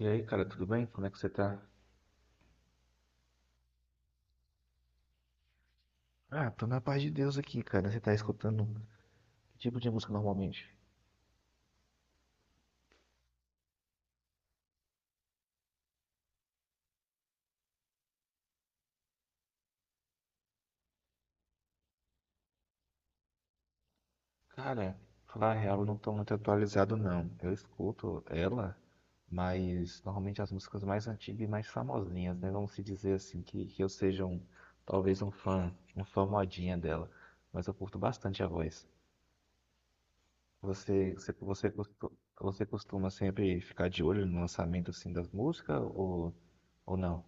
E aí, cara, tudo bem? Como é que você tá? Ah, tô na paz de Deus aqui, cara. Você tá escutando que tipo de música normalmente? Cara, falar a real, eu não tô muito atualizado, não. Eu escuto ela, mas normalmente as músicas mais antigas e mais famosinhas, né? Vamos se dizer assim, que eu seja um, talvez um fã modinha dela. Mas eu curto bastante a voz. Você costuma sempre ficar de olho no lançamento, assim, das músicas ou não?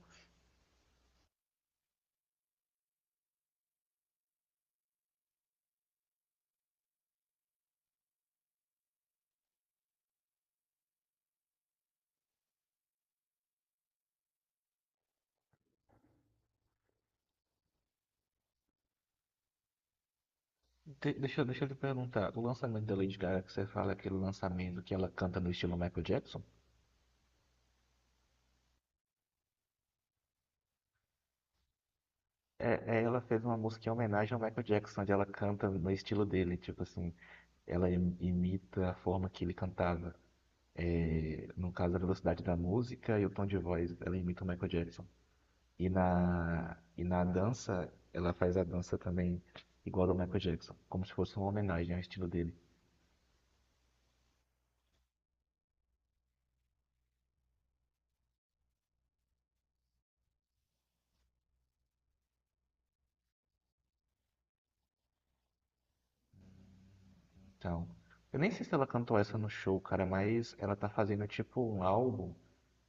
Deixa eu te perguntar, o lançamento da Lady Gaga, que você fala aquele lançamento que ela canta no estilo Michael Jackson? Ela fez uma música em homenagem ao Michael Jackson, onde ela canta no estilo dele, tipo assim, ela imita a forma que ele cantava. É, no caso, a velocidade da música e o tom de voz, ela imita o Michael Jackson. E na dança, ela faz a dança também igual ao Michael Jackson, como se fosse uma homenagem ao estilo dele. Então, eu nem sei se ela cantou essa no show, cara, mas ela tá fazendo tipo um álbum,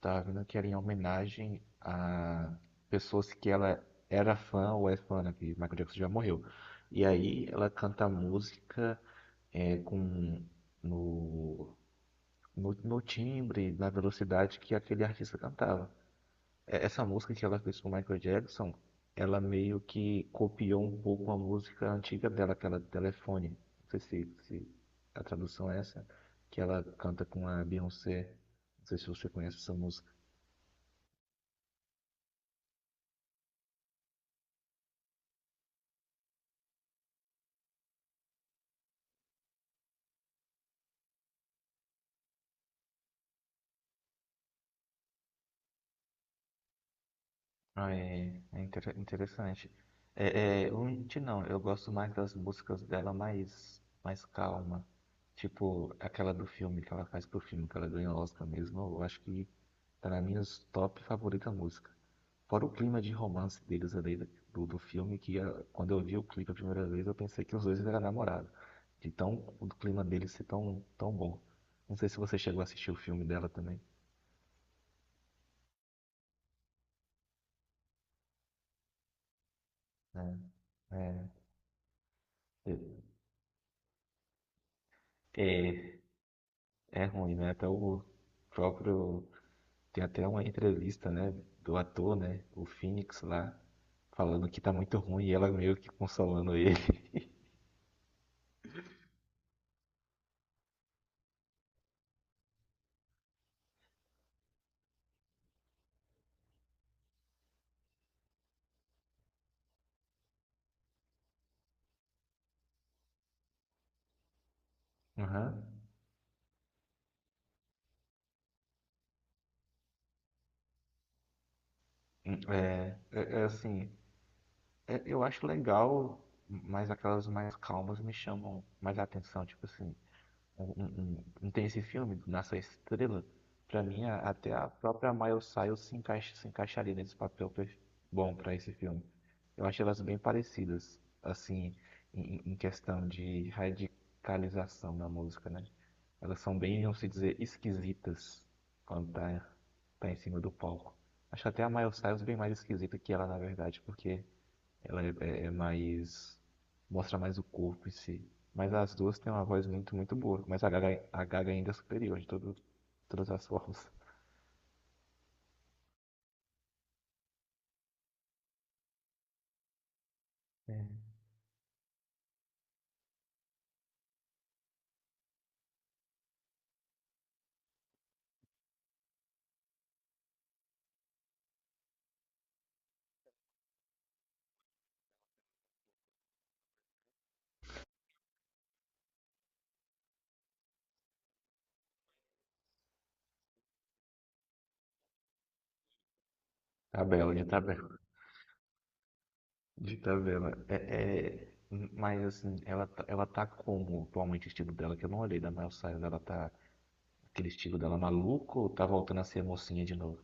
tá vendo que era em homenagem a pessoas que ela era fã ou é fã, né, que Michael Jackson já morreu. E aí ela canta música é, com no, no timbre, na velocidade que aquele artista cantava. É, essa música que ela fez com o Michael Jackson, ela meio que copiou um pouco a música antiga dela, aquela do telefone. Não sei se a tradução é essa, que ela canta com a Beyoncé. Não sei se você conhece essa música. Ah, interessante. Eu menti não, eu gosto mais das músicas dela mais calma. Tipo, aquela do filme que ela faz pro filme, que ela ganhou o Oscar mesmo. Eu acho que tá na minha top favorita música. Fora o clima de romance deles ali do filme, que ah, quando eu vi o clipe a primeira vez, eu pensei que os dois eram namorados. De tão, o clima deles ser tão bom. Não sei se você chegou a assistir o filme dela também, né? É, é, é, É ruim, né? Até o próprio. Tem até uma entrevista, né? Do ator, né? O Phoenix lá, falando que tá muito ruim e ela meio que consolando ele. Aham. É assim. Eu acho legal, mas aquelas mais calmas me chamam mais a atenção. Tipo assim, um não tem esse filme, Nasce a Estrela. Pra mim, até a própria Miley Cyrus se encaixa, se encaixaria nesse bom pra esse filme. Eu acho elas bem parecidas, assim, em questão de radicalização na música, né? Elas são bem, vamos se dizer, esquisitas quando tá, tá em cima do palco. Acho até a Miley Cyrus bem mais esquisita que ela, na verdade, porque ela é, é mais. Mostra mais o corpo em si. Mas as duas têm uma voz muito, muito boa. Mas a Gaga ainda é superior de todo, todas as formas. É. Tabela, de tabela. De tabela. É- Mas assim, ela tá como atualmente o estilo dela, que eu não olhei da Miley Cyrus, ela tá. Aquele estilo dela maluco ou tá voltando a ser mocinha de novo?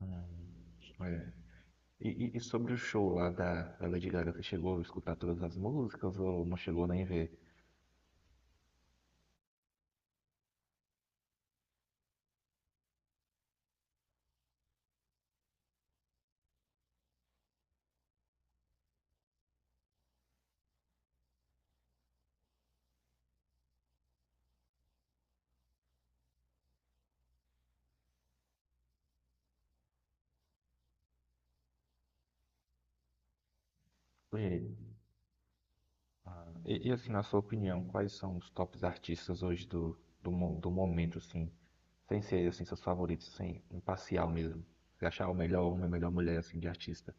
Hum, é. E sobre o show lá da Lady Gaga, você chegou a escutar todas as músicas ou não chegou nem ver? Porque assim, na sua opinião, quais são os tops artistas hoje do momento, assim, sem ser assim, seus favoritos, sem imparcial mesmo? Você achar o melhor homem, a melhor mulher, assim, de artista.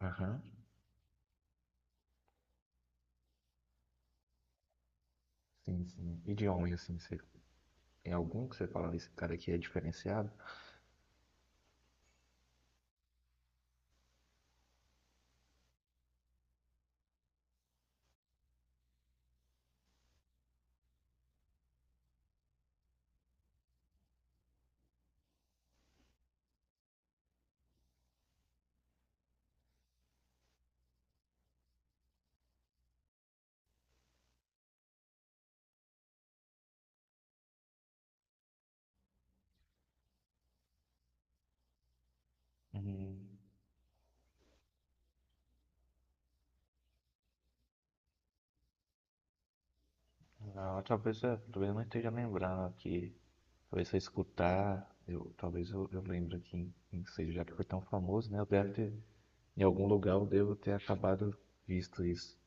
Aham. Sim, sim. E de homem, assim, você tem algum que você fala, esse cara aqui é diferenciado? Hum, não, talvez eu não esteja lembrando aqui. Talvez se eu escutar, eu lembre aqui, não sei, já que foi tão famoso, né? Eu deve ter, em algum lugar eu devo ter acabado visto isso.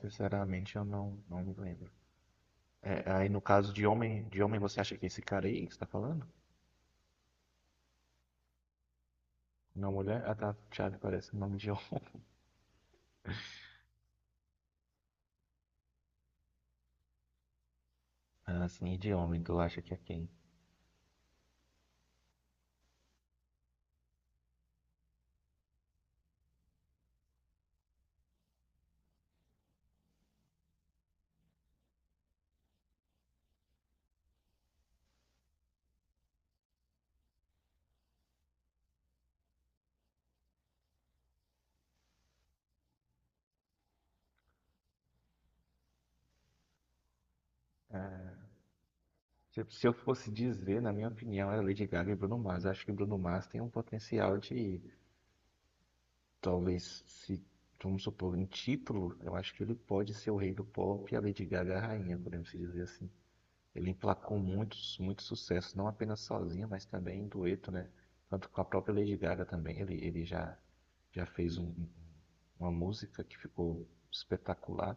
Sinceramente, eu não, não me lembro. É, aí no caso de homem você acha que é esse cara aí que você tá falando? Não, mulher? Ah, tá, Thiago parece o nome de homem. Ah, sim, de homem, tu acha que é quem? É, se eu fosse dizer, na minha opinião, era Lady Gaga e Bruno Mars. Acho que Bruno Mars tem um potencial de, talvez, se, vamos supor, em título, eu acho que ele pode ser o rei do pop e a Lady Gaga a rainha, podemos dizer assim. Ele emplacou muitos, muitos sucessos, não apenas sozinho, mas também em dueto, né? Tanto com a própria Lady Gaga também. Já fez uma música que ficou espetacular.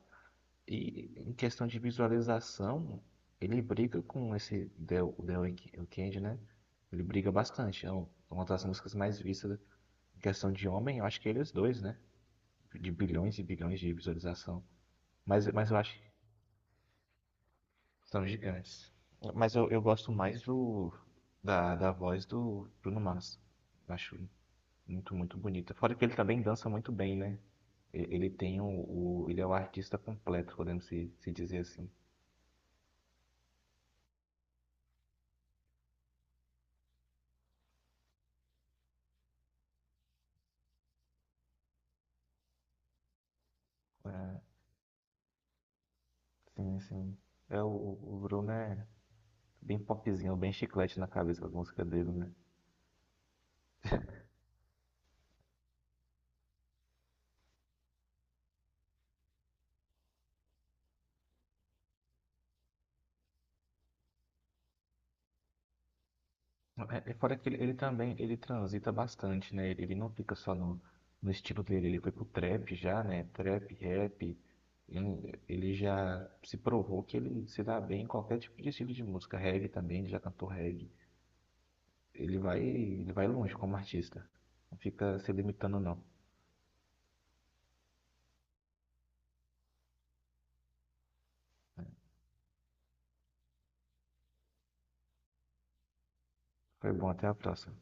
E em questão de visualização, ele briga com esse Weeknd, né? Ele briga bastante. É uma das músicas mais vistas em questão de homem, eu acho que eles dois, né? De bilhões e bilhões de visualização. Mas eu acho são gigantes. Mas eu gosto mais do da voz do Bruno Mars. Eu acho muito, muito bonita. Fora que ele também dança muito bem, né? E- Ele tem ele é o artista completo, podemos se dizer assim. É, sim, sim. É, o Bruno é bem popzinho, bem chiclete na cabeça com as músicas dele, né? É, é fora que ele também ele transita bastante, né? Ele não fica só no estilo dele, ele foi pro trap já, né? Trap, rap. Ele já se provou que ele se dá bem em qualquer tipo de estilo de música. Reggae também, ele já cantou reggae. Ele vai longe como artista. Não fica se limitando, não. Foi bom, até a próxima.